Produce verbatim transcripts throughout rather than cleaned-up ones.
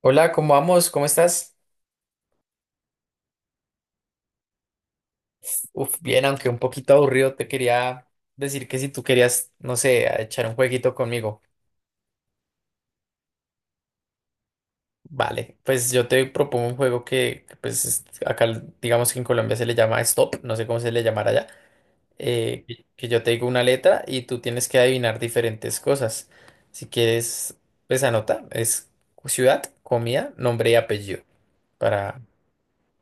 Hola, ¿cómo vamos? ¿Cómo estás? Uf, bien, aunque un poquito aburrido, te quería decir que si tú querías, no sé, a echar un jueguito conmigo. Vale, pues yo te propongo un juego que, que, pues es- acá digamos que en Colombia se le llama Stop, no sé cómo se le llamará allá, eh, que que yo te digo una letra y tú tienes que adivinar diferentes cosas. Si quieres, pues anota, es ciudad, comida, nombre y apellido para,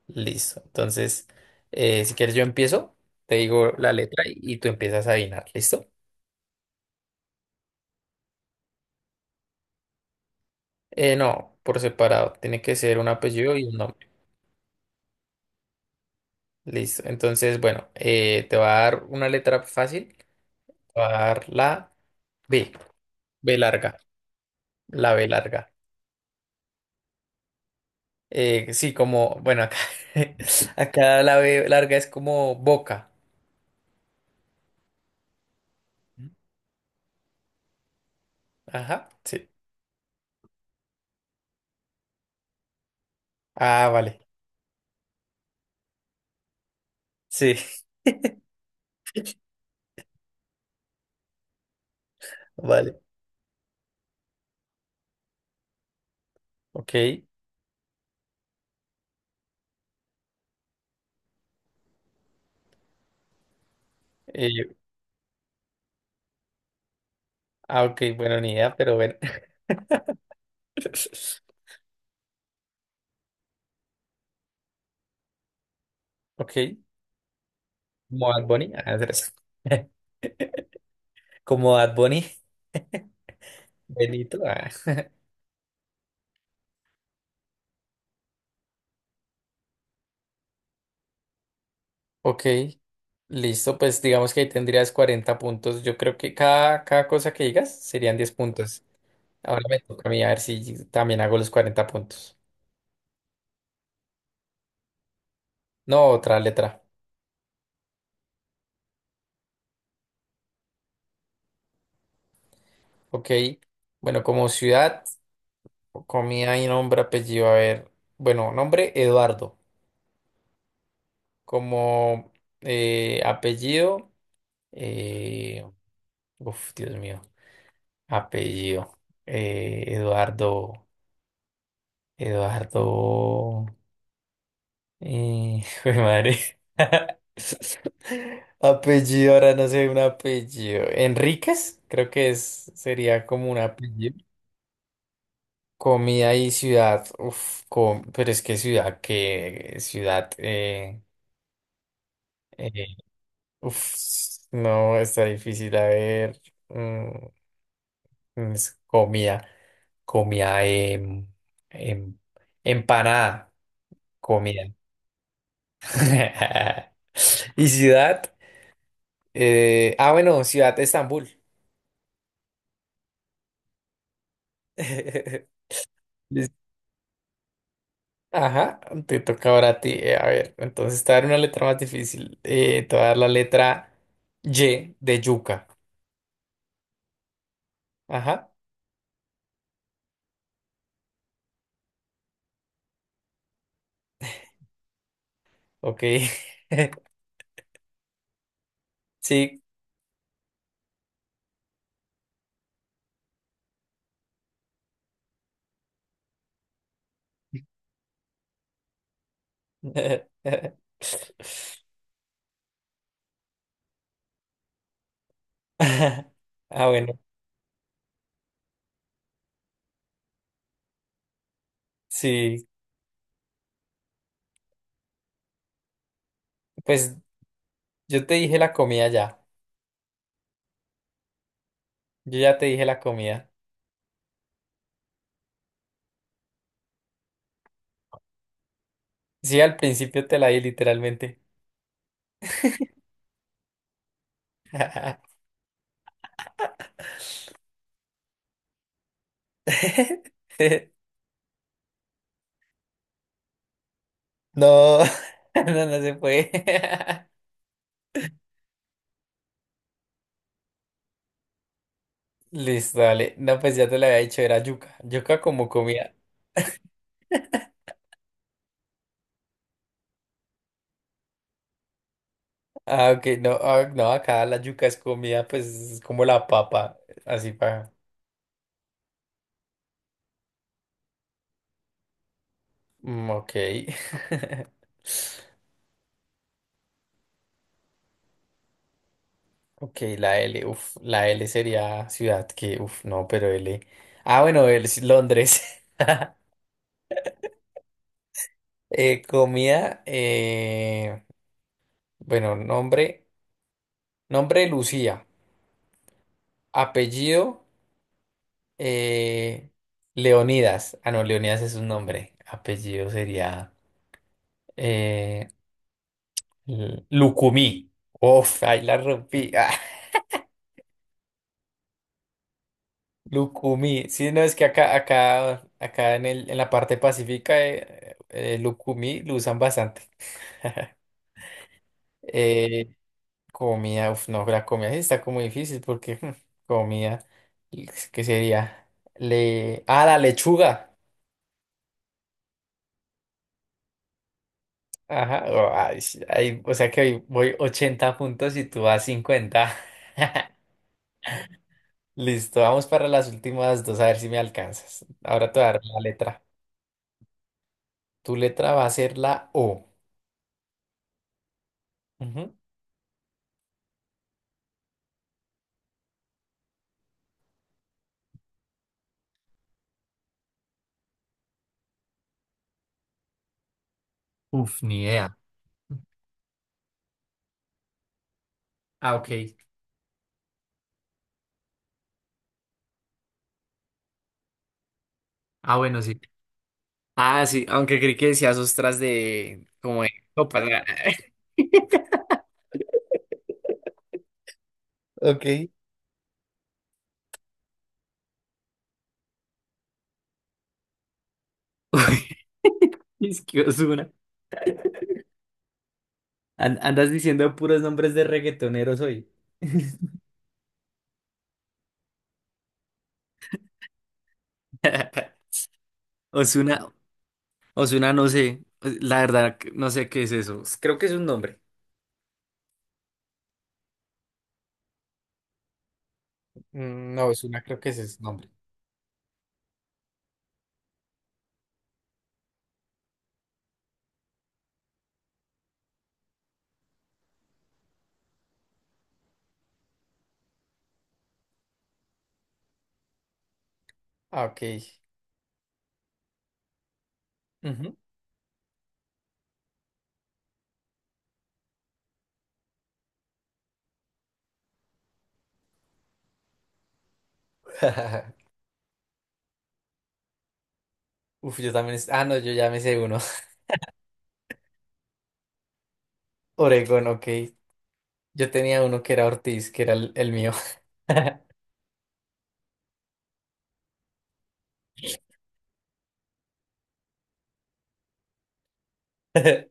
listo. Entonces, eh, si quieres yo empiezo, te digo la letra y, y tú empiezas a adivinar. ¿Listo? Eh, no, por separado. Tiene que ser un apellido y un nombre. Listo. Entonces, bueno, eh, te va a dar una letra fácil. Te va a dar la B. B larga. La B larga. Eh, sí, como, bueno, acá, acá la B larga es como boca. Ajá, sí. Ah, vale. Sí, vale. Ok. Eh, ah, ok, bueno, ni idea, pero bueno. Ok. Como Bad Bunny. Ah, tres. Como Bad Bunny. Benito. Ah. Ok, listo. Pues digamos que ahí tendrías cuarenta puntos. Yo creo que cada, cada cosa que digas serían diez puntos. Ahora me toca a mí a ver si también hago los cuarenta puntos. No, otra letra. Ok. Bueno, como ciudad, comida y nombre, apellido. A ver. Bueno, nombre Eduardo. Como eh, apellido. eh, Uf, Dios mío. Apellido. eh, Eduardo. Eduardo. Eh, jue madre. Apellido, ahora no sé un apellido. Enríquez, creo que es, sería como un apellido. Comida y ciudad. Uf, com- pero es que ciudad, que ciudad. Eh, eh, uf, no, está difícil. A ver. mm, es comida. Comida. em, em, empanada. Comida. ¿Y ciudad? Eh, ah, bueno, ciudad de Estambul. Listo. Ajá, te toca ahora a ti. Eh, a ver, entonces te voy a dar una letra más difícil. Eh, te voy a dar la letra Y de yuca. Ajá, ok. Sí. Ah, bueno, sí. Pues yo te dije la comida ya. Yo ya te dije la comida. Sí, al principio te la di literalmente. No, no, no se puede. Listo, dale. No, pues ya te lo había dicho, era yuca. Yuca como comida. Ah, ok, no, ah, no, acá la yuca es comida, pues es como la papa, así para. Mm, ok. Ok, la L, uf, la L sería ciudad que, uf, no, pero L. Ah, bueno, el- sí, Londres. Eh, comida, eh, bueno, nombre, nombre Lucía, apellido, eh, Leonidas. Ah, no, Leonidas es un nombre, apellido sería. Eh, L- Lucumí. Uf, ahí la rompí. Ah, Lucumí. Sí, no, es que acá, acá, acá en el, en la parte pacífica, eh, eh, Lucumí lo usan bastante. Eh, comida, uf, no, la comida sí está como difícil porque hmm, comida, ¿qué sería? Le, ah, la lechuga. Ajá, oh, ay, sí, ay, o sea que hoy voy ochenta puntos y tú vas cincuenta. Listo, vamos para las últimas dos, a ver si me alcanzas. Ahora te voy a dar la letra. Tu letra va a ser la O. Ujú. Uf, ni idea. Ah, ok. Ah, bueno, sí. Ah, sí, aunque creí que decías ostras de como de sopa. Ok. Es que Ozuna. An- andas diciendo puros nombres de reggaetoneros hoy. Ozuna, Ozuna, no sé. La verdad, no sé qué es eso. Creo que es un nombre. Mm, no, es una, creo que ese es el nombre. Ah, ok. Ujú. Uf, yo también. es- Ah, no, yo ya me sé uno. Oregón, ok. Yo tenía uno que era Ortiz, que era el, el mío.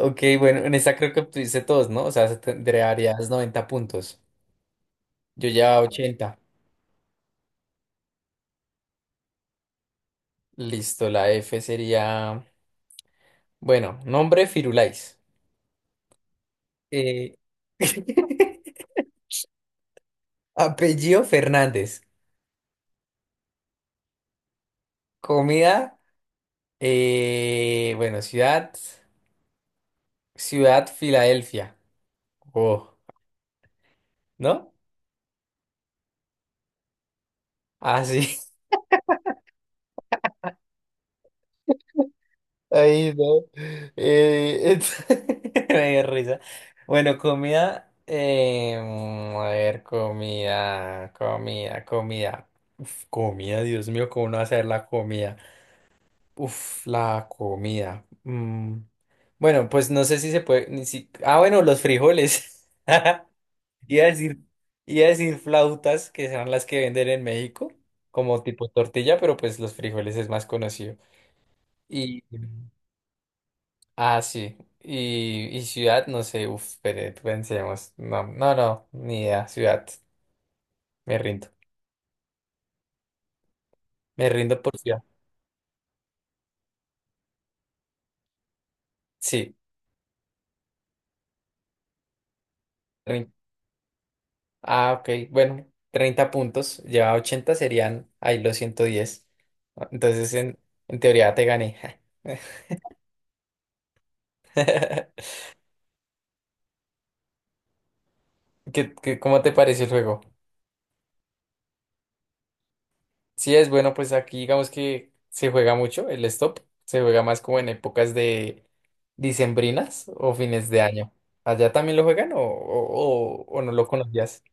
Ok, bueno, en esta creo que obtuviste todos, ¿no? O sea, se tendré- noventa puntos. Yo ya ochenta. Listo, la F sería, bueno, nombre Firulais. Eh, Apellido Fernández. Comida, eh, bueno, ciudad, ciudad Filadelfia. Oh, ¿no? Ah, sí. Ahí no. Eh, es- Me dio risa. Bueno, comida. eh, mm, a ver, comida, comida, comida. Uf, comida, Dios mío, ¿cómo no hacer la comida? Uf, la comida. Mm, Bueno, pues no sé si se puede. Ni si- Ah, bueno, los frijoles. Iba a decir, iba a decir flautas, que serán las que venden en México, como tipo tortilla, pero pues los frijoles es más conocido. Y. Ah, sí. Y, y ciudad, no sé, uf, pero pensemos. No, no, no, ni idea. Ciudad, me rindo. Me rindo por ciudad. Sí. trein- Ah, ok. Bueno, treinta puntos. Lleva ochenta, serían ahí los ciento diez, entonces, en, en teoría te gané. ¿Qué, qué- ¿cómo te pareció el juego? Sí, es bueno, pues aquí digamos que se juega mucho el stop, se juega más como en épocas de dicembrinas o fines de año. ¿Allá también lo juegan o, o- o- o no lo conocías?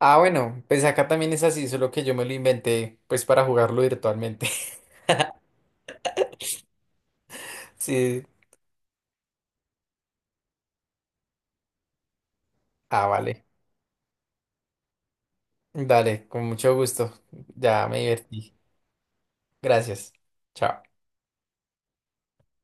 Ah, bueno, pues acá también es así, solo que yo me lo inventé pues para jugarlo virtualmente. Sí, ah, vale. Dale, con mucho gusto. Ya me divertí. Gracias. Chao.